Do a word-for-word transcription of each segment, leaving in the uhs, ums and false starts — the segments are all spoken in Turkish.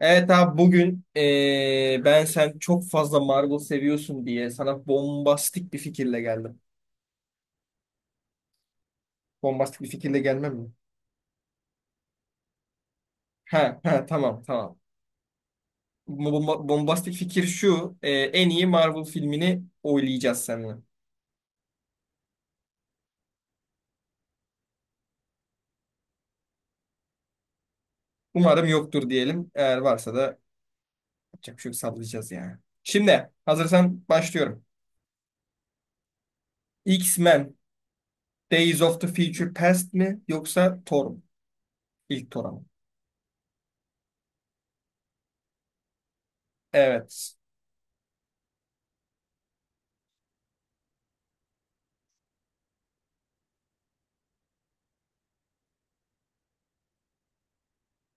Evet abi bugün eee, ben sen çok fazla Marvel seviyorsun diye sana bombastik bir fikirle geldim. Bombastik bir fikirle gelmem mi? Ha, ha, tamam, tamam. Bomba- bombastik fikir şu. Eee, en iyi Marvel filmini oylayacağız seninle. Umarım yoktur diyelim. Eğer varsa da yapacak bir şey yok, sallayacağız yani. Şimdi hazırsan başlıyorum. X-Men Days of the Future Past mi yoksa Thor mu? İlk Thor ama. Evet.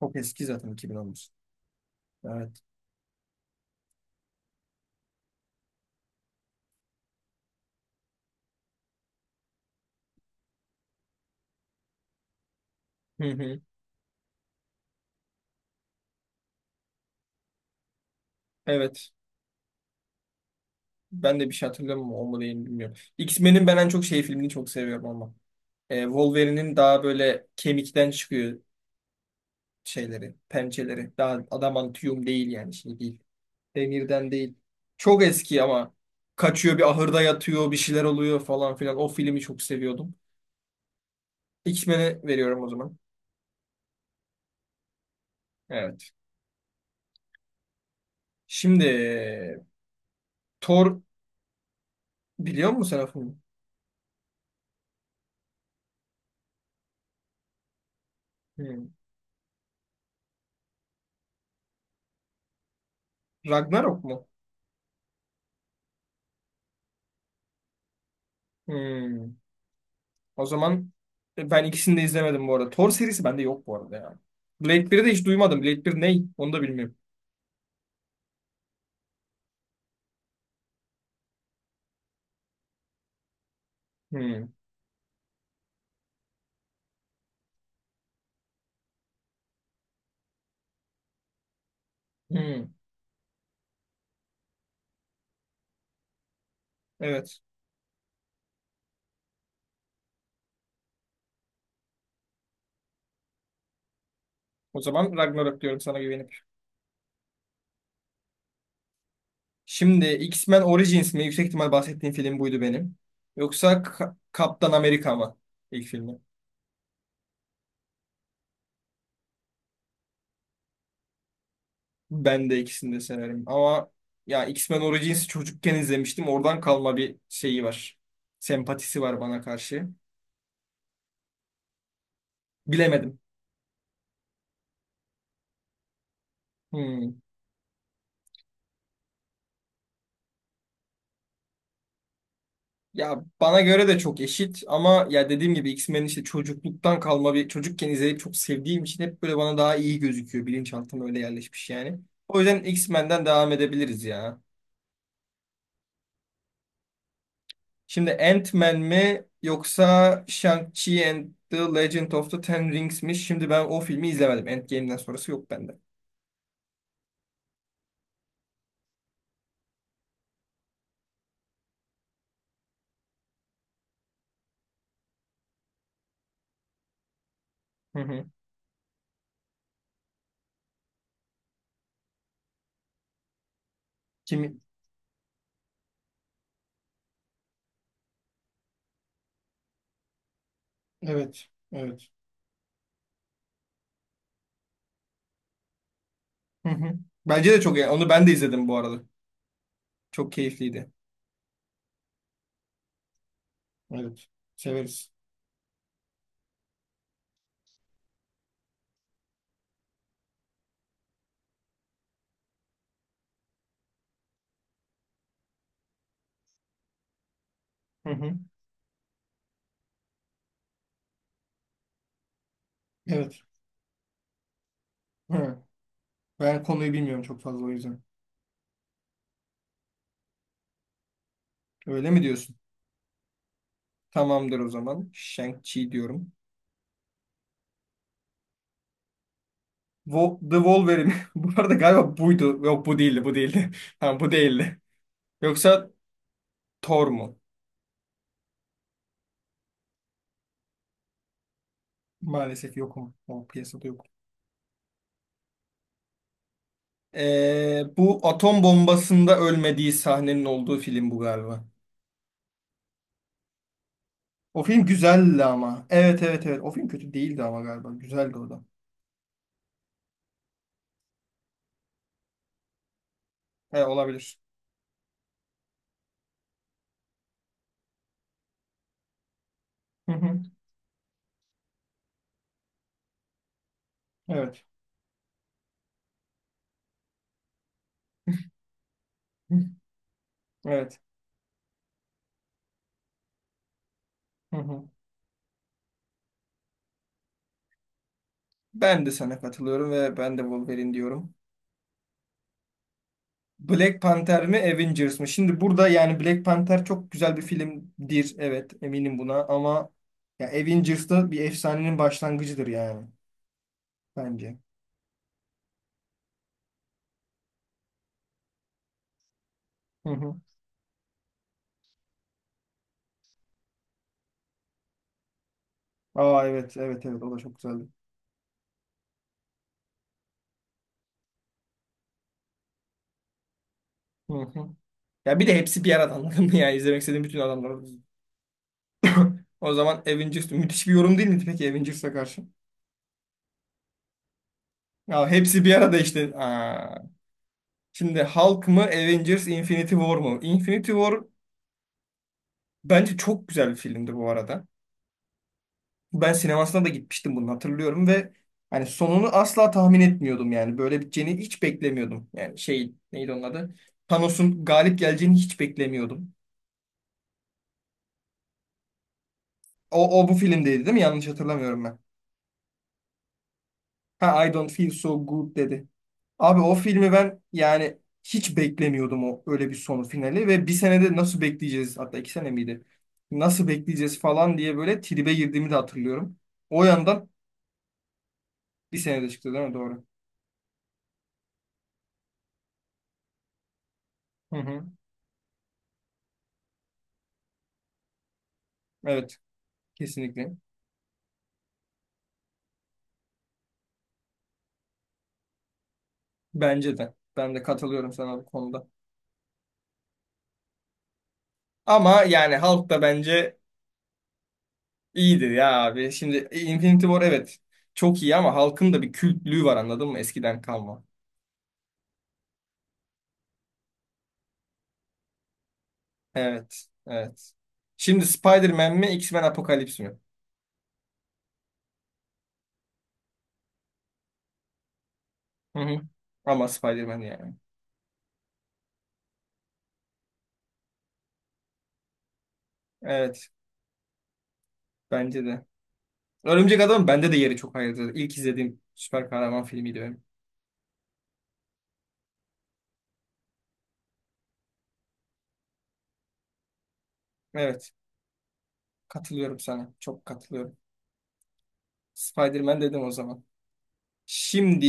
Çok eski zaten iki bin on dokuz. Evet. Hı hı. Evet. Ben de bir şey hatırlamıyorum. O mu değil mi bilmiyorum. X-Men'in ben en çok şey filmini çok seviyorum ama. Ee, Wolverine'in daha böyle kemikten çıkıyor şeyleri, pençeleri. Daha adamantium değil yani şey değil. Demirden değil. Çok eski ama kaçıyor, bir ahırda yatıyor, bir şeyler oluyor falan filan. O filmi çok seviyordum. X-Men'e veriyorum o zaman. Evet. Şimdi Thor, biliyor musun sen o filmi? Hmm. Ragnarok mu? Hmm. O zaman e, ben ikisini de izlemedim bu arada. Thor serisi bende yok bu arada ya. Blade biri de hiç duymadım. Blade bir ney? Onu da bilmiyorum. Hmm. Hmm. Evet. O zaman Ragnarok diyorum sana güvenip. Şimdi X-Men Origins mi? Yüksek ihtimal bahsettiğim film buydu benim. Yoksa Ka- Kaptan Amerika mı? İlk filmi. Ben de ikisini de severim. Ama ya X-Men Origins'i çocukken izlemiştim. Oradan kalma bir şeyi var. Sempatisi var bana karşı. Bilemedim. Hmm. Ya bana göre de çok eşit ama ya dediğim gibi x menin işte çocukluktan kalma, bir çocukken izleyip çok sevdiğim için hep böyle bana daha iyi gözüküyor. Bilinçaltıma öyle yerleşmiş yani. O yüzden X-Men'den devam edebiliriz ya. Şimdi Ant-Man mi yoksa Shang-Chi and the Legend of the Ten Rings mi? Şimdi ben o filmi izlemedim. Endgame'den sonrası yok bende. Hı hı. Kimi? Evet. Evet. Hı hı. Bence de çok iyi. Onu ben de izledim bu arada. Çok keyifliydi. Evet. Severiz. Hı hı. Evet. Hı. Ben konuyu bilmiyorum çok fazla, o yüzden. Öyle mi diyorsun? Tamamdır o zaman. Shang-Chi diyorum. Wo The Wolverine. Bu arada galiba buydu. Yok, bu değildi, bu değildi. Ha, bu değildi. Yoksa Thor mu? Maalesef yokum. O piyasada yok. Ee, bu atom bombasında ölmediği sahnenin olduğu film bu galiba. O film güzeldi ama. Evet, evet, evet. O film kötü değildi ama galiba. Güzeldi o da. He, olabilir. Hı hı. Evet. Evet. Hı hı. Ben de sana katılıyorum ve ben de Wolverine diyorum. Black Panther mi Avengers mı? Şimdi burada yani Black Panther çok güzel bir filmdir. Evet, eminim buna, ama ya Avengers da bir efsanenin başlangıcıdır yani bence. Hı hı. Aa evet, evet, evet, o da çok güzeldi. Hı hı. Ya bir de hepsi bir arada, anladın mı ya, izlemek istediğim bütün adamlar. O zaman Avengers müthiş bir yorum, değil mi peki Avengers'a karşı? Ya hepsi bir arada işte. Aa. Şimdi Hulk mı Avengers Infinity War mu? Infinity War bence çok güzel bir filmdir bu arada. Ben sinemasına da gitmiştim bunu hatırlıyorum ve hani sonunu asla tahmin etmiyordum yani. Böyle biteceğini hiç beklemiyordum. Yani şey neydi onun adı? Thanos'un galip geleceğini hiç beklemiyordum. O, o bu filmdeydi değil mi? Yanlış hatırlamıyorum ben. Ha, I don't feel so good dedi. Abi o filmi ben yani hiç beklemiyordum o öyle bir sonu finali ve bir senede nasıl bekleyeceğiz, hatta iki sene miydi? Nasıl bekleyeceğiz falan diye böyle tribe girdiğimi de hatırlıyorum. O yandan bir senede çıktı değil mi? Doğru. Hı hı. Evet, kesinlikle. Bence de. Ben de katılıyorum sana bu konuda. Ama yani Hulk da bence iyidir ya abi. Şimdi Infinity War evet çok iyi ama Hulk'ın da bir kültlüğü var, anladın mı? Eskiden kalma. Evet. Evet. Şimdi Spider-Man mi X-Men Apokalips mi? Hı hı. Ama Spider-Man yani. Evet. Bence de. Örümcek Adam bende de yeri çok ayrıdır. İlk izlediğim süper kahraman filmiydi benim. Evet. Katılıyorum sana. Çok katılıyorum. Spider-Man dedim o zaman. Şimdi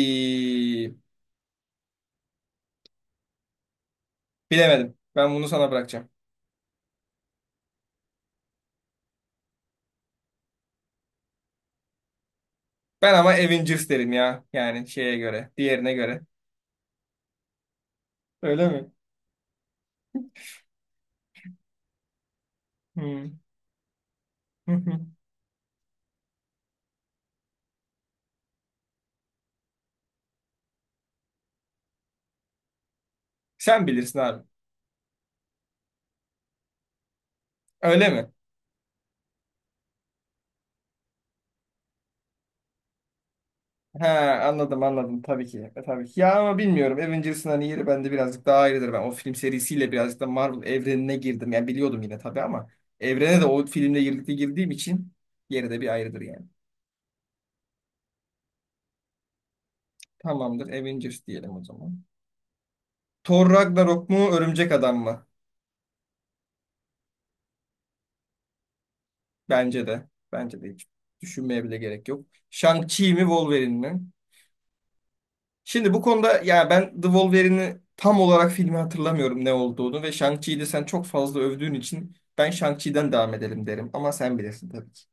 bilemedim. Ben bunu sana bırakacağım. Ben ama Avengers derim ya. Yani şeye göre, diğerine göre. Öyle mi? Hmm. Sen bilirsin abi. Öyle mi? Ha, anladım, anladım tabii ki. E, tabii ki. Ya ama bilmiyorum. Avengers'ın hani yeri bende birazcık daha ayrıdır. Ben o film serisiyle birazcık da Marvel evrenine girdim. Yani biliyordum yine tabii ama evrene de o filmle birlikte girdiğim için yeri de bir ayrıdır yani. Tamamdır. Avengers diyelim o zaman. Thor Ragnarok mu, Örümcek Adam mı? Bence de. Bence de hiç düşünmeye bile gerek yok. Shang-Chi mi, Wolverine mi? Şimdi bu konuda ya ben The Wolverine'i tam olarak filmi hatırlamıyorum ne olduğunu ve Shang-Chi'yi de sen çok fazla övdüğün için ben Shang-Chi'den devam edelim derim, ama sen bilirsin tabii ki.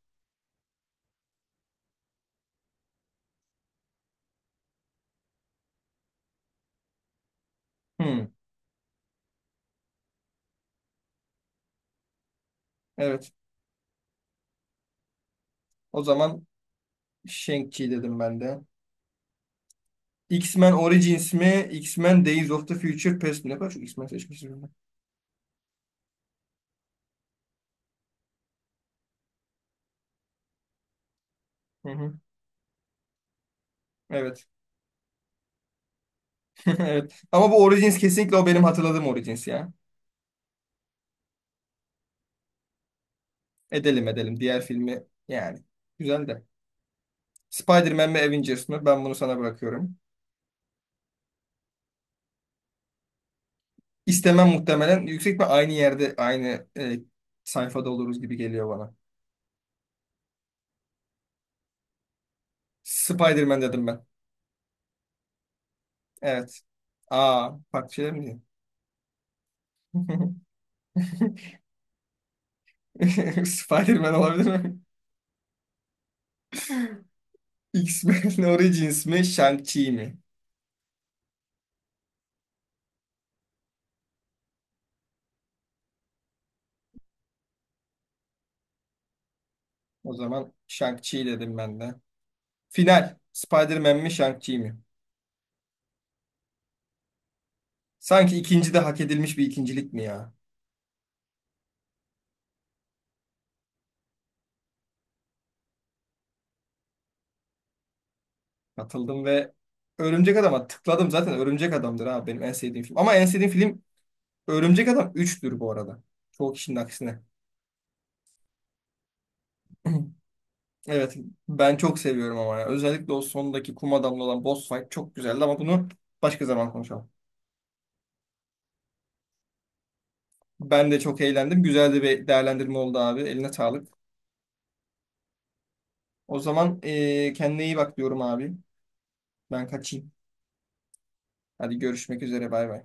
Hmm, evet. O zaman Shang-Chi dedim ben de. X-Men Origins mi? X-Men Days of the Future Past mi? Ne kadar çok X-Men seçmişim ben. Hı hı. Evet. Evet. Ama bu Origins kesinlikle, o benim hatırladığım Origins ya. Edelim, edelim. Diğer filmi yani. Güzel de. Spider-Man mi Avengers mi? Ben bunu sana bırakıyorum. İstemem muhtemelen. Yüksek ve aynı yerde, aynı e, sayfada oluruz gibi geliyor bana. Spider-Man dedim ben. Evet. Aa, farklı şeyler mi diyeyim? Spider-Man olabilir mi? X-Men Origins mi, Shang-Chi mi? O zaman Shang-Chi dedim ben de. Final. Spider-Man mi, Shang-Chi mi? Sanki ikinci de hak edilmiş bir ikincilik mi ya? Katıldım ve Örümcek Adam'a tıkladım. Zaten Örümcek Adam'dır abi benim en sevdiğim film. Ama en sevdiğim film Örümcek Adam üçtür bu arada. Çoğu kişinin aksine. Evet, ben çok seviyorum ama ya. Özellikle o sondaki kum adamlı olan boss fight çok güzeldi ama bunu başka zaman konuşalım. Ben de çok eğlendim. Güzel de bir değerlendirme oldu abi. Eline sağlık. O zaman eee kendine iyi bak diyorum abi. Ben kaçayım. Hadi görüşmek üzere, bay bay.